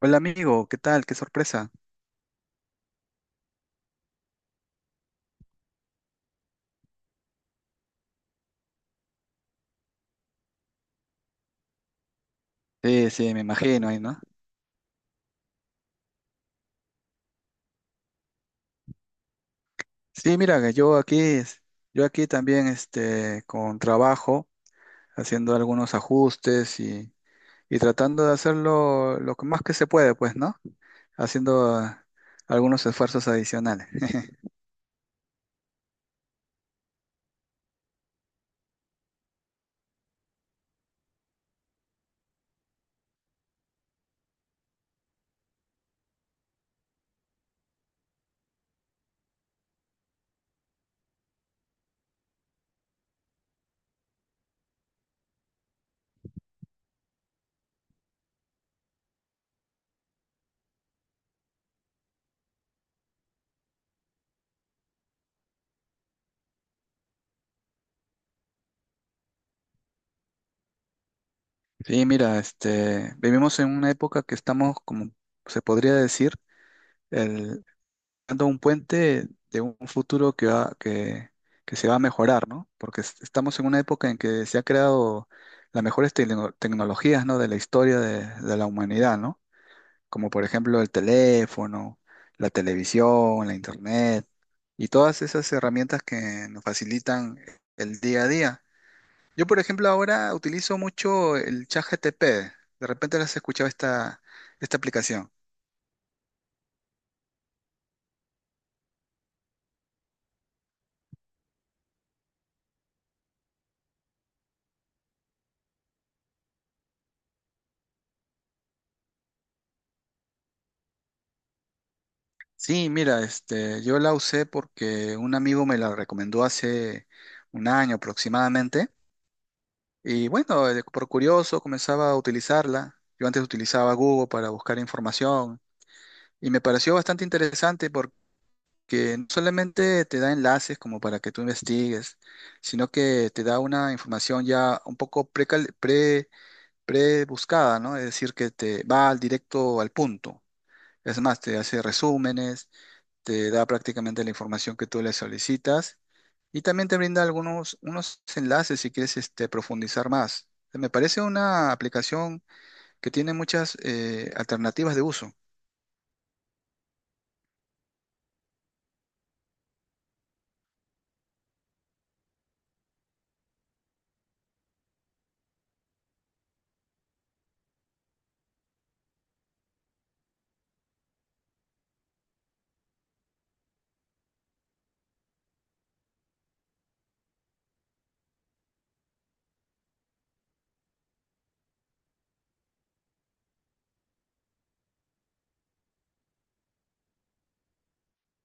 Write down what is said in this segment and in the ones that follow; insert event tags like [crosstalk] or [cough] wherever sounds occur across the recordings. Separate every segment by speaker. Speaker 1: Hola amigo, ¿qué tal? Qué sorpresa. Sí, me imagino ahí, ¿no? Sí, mira, que yo aquí, yo aquí también, este, con trabajo, haciendo algunos ajustes y tratando de hacerlo lo que más que se puede, pues, ¿no? Haciendo algunos esfuerzos adicionales. [laughs] Sí, mira, este, vivimos en una época que estamos, como se podría decir, creando un puente de un futuro que que se va a mejorar, ¿no? Porque estamos en una época en que se ha creado las mejores tecnologías, ¿no? De la historia de la humanidad, ¿no? Como por ejemplo el teléfono, la televisión, la internet y todas esas herramientas que nos facilitan el día a día. Yo, por ejemplo, ahora utilizo mucho el ChatGPT. De repente, ¿las has escuchado esta aplicación? Sí, mira, este, yo la usé porque un amigo me la recomendó hace un año aproximadamente. Y bueno, por curioso comenzaba a utilizarla. Yo antes utilizaba Google para buscar información y me pareció bastante interesante porque no solamente te da enlaces como para que tú investigues, sino que te da una información ya un poco pre-buscada, ¿no? Es decir, que te va al directo al punto. Es más, te hace resúmenes, te da prácticamente la información que tú le solicitas y también te brinda algunos unos enlaces si quieres este, profundizar más. Me parece una aplicación que tiene muchas alternativas de uso.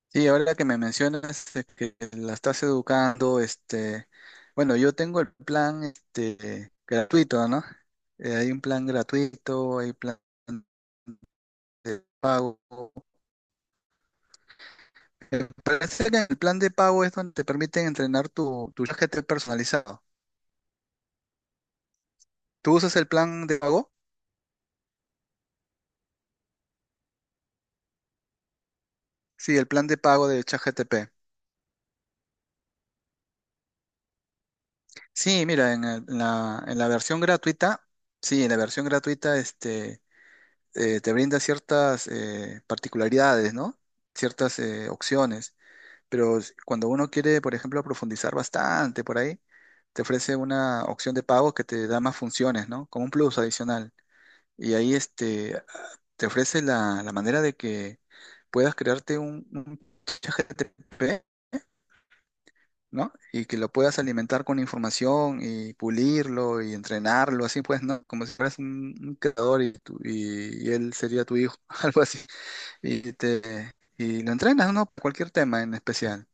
Speaker 1: Sí, ahora que me mencionas que la estás educando, este, bueno, yo tengo el plan este, gratuito, ¿no? Hay un plan gratuito, hay plan de pago. Me parece que el plan de pago es donde te permiten entrenar tu ChatGPT personalizado. ¿Tú usas el plan de pago? Sí, el plan de pago de ChatGTP. Sí, mira, en la versión gratuita, sí, en la versión gratuita este, te brinda ciertas particularidades, ¿no? Ciertas opciones. Pero cuando uno quiere, por ejemplo, profundizar bastante por ahí, te ofrece una opción de pago que te da más funciones, ¿no? Como un plus adicional. Y ahí este, te ofrece la manera de que puedas crearte un PP, ¿no? Y que lo puedas alimentar con información y pulirlo y entrenarlo, así pues, ¿no? Como si fueras un creador y él sería tu hijo, [laughs] algo así. Y te y lo entrenas, ¿no? Cualquier tema en especial.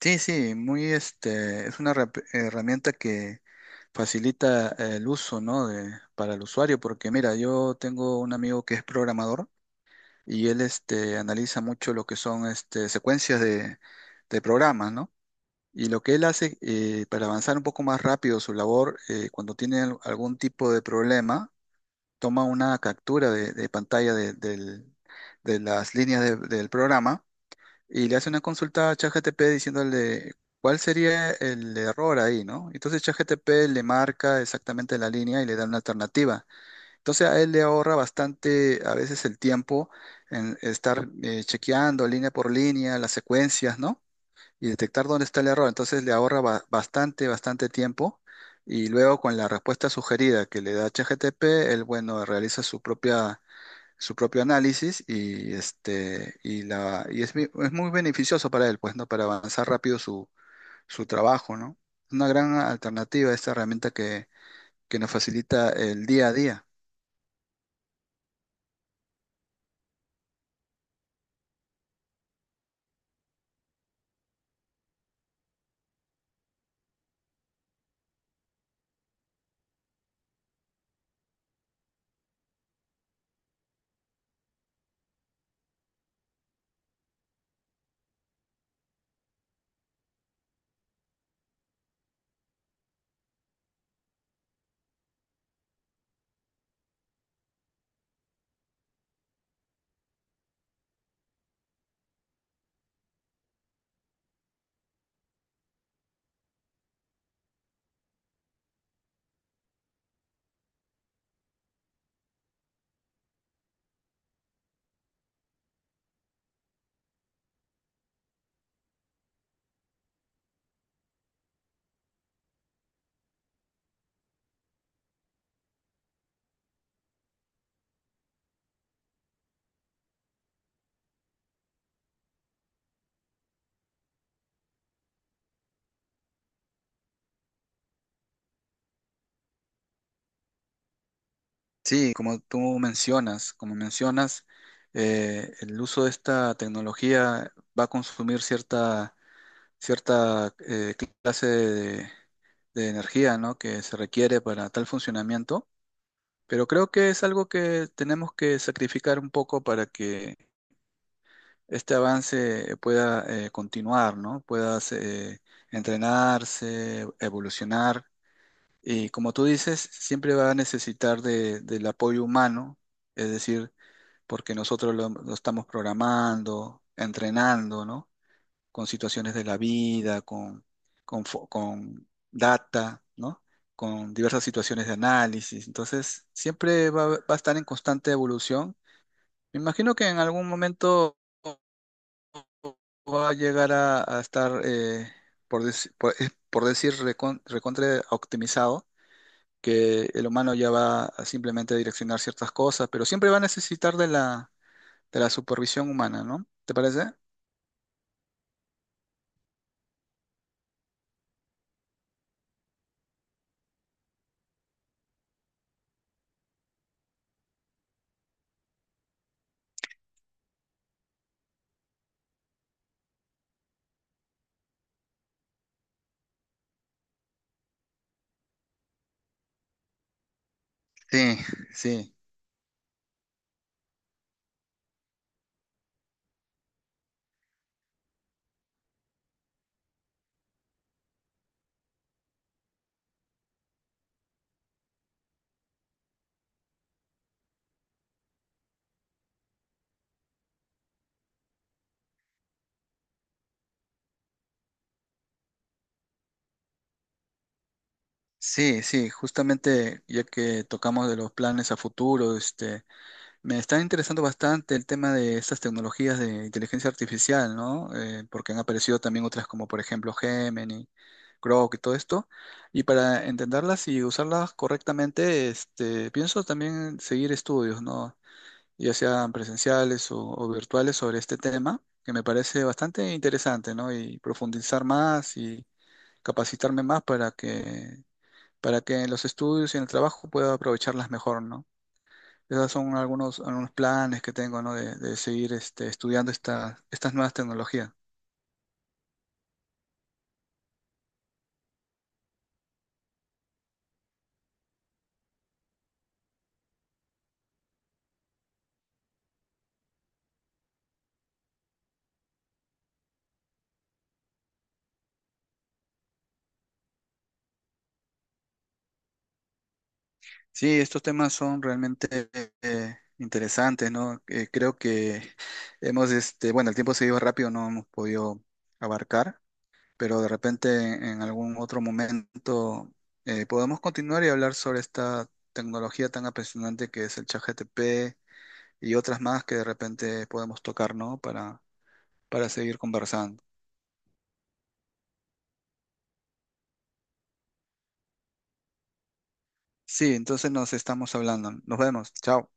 Speaker 1: Sí, sí, muy este, es una herramienta que facilita el uso, ¿no? de- para el usuario, porque mira, yo tengo un amigo que es programador y él este, analiza mucho lo que son este, secuencias de programas, ¿no? Y lo que él hace para avanzar un poco más rápido su labor, cuando tiene algún tipo de problema, toma una captura de pantalla de las líneas del programa y le hace una consulta a ChatGPT diciéndole cuál sería el error ahí, ¿no? Entonces ChatGPT le marca exactamente la línea y le da una alternativa. Entonces a él le ahorra bastante a veces el tiempo en estar chequeando línea por línea las secuencias, ¿no?, y detectar dónde está el error. Entonces le ahorra bastante tiempo. Y luego con la respuesta sugerida que le da ChatGPT, él, bueno, realiza su propia, su propio análisis y es muy beneficioso para él, pues, ¿no? Para avanzar rápido su trabajo, ¿no? Una gran alternativa a esta herramienta que nos facilita el día a día. Sí, como tú mencionas, como mencionas, el uso de esta tecnología va a consumir cierta clase de energía, ¿no?, que se requiere para tal funcionamiento, pero creo que es algo que tenemos que sacrificar un poco para que este avance pueda continuar, ¿no?, pueda entrenarse, evolucionar. Y como tú dices, siempre va a necesitar del apoyo humano, es decir, porque nosotros lo estamos programando, entrenando, ¿no?, con situaciones de la vida, con data, ¿no? Con diversas situaciones de análisis. Entonces, siempre va a estar en constante evolución. Me imagino que en algún momento va a llegar a estar, por decir, recontra optimizado, que el humano ya va a simplemente direccionar ciertas cosas, pero siempre va a necesitar de de la supervisión humana, ¿no? ¿Te parece? Sí, sí. Sí, sí, justamente ya que tocamos de los planes a futuro, este, me está interesando bastante el tema de estas tecnologías de inteligencia artificial, ¿no? Porque han aparecido también otras como por ejemplo Gemini, Grok y todo esto. Y para entenderlas y usarlas correctamente, este, pienso también seguir estudios, ¿no? Ya sean presenciales o virtuales sobre este tema, que me parece bastante interesante, ¿no? Y profundizar más y capacitarme más para que en los estudios y en el trabajo pueda aprovecharlas mejor, ¿no? Esos son algunos, algunos planes que tengo, ¿no? De seguir este, estas nuevas tecnologías. Sí, estos temas son realmente interesantes, ¿no? Creo que hemos, este, bueno, el tiempo se iba rápido, no hemos podido abarcar, pero de repente en algún otro momento podemos continuar y hablar sobre esta tecnología tan apasionante que es el ChatGPT y otras más que de repente podemos tocar, ¿no? Para seguir conversando. Sí, entonces nos estamos hablando. Nos vemos. Chao.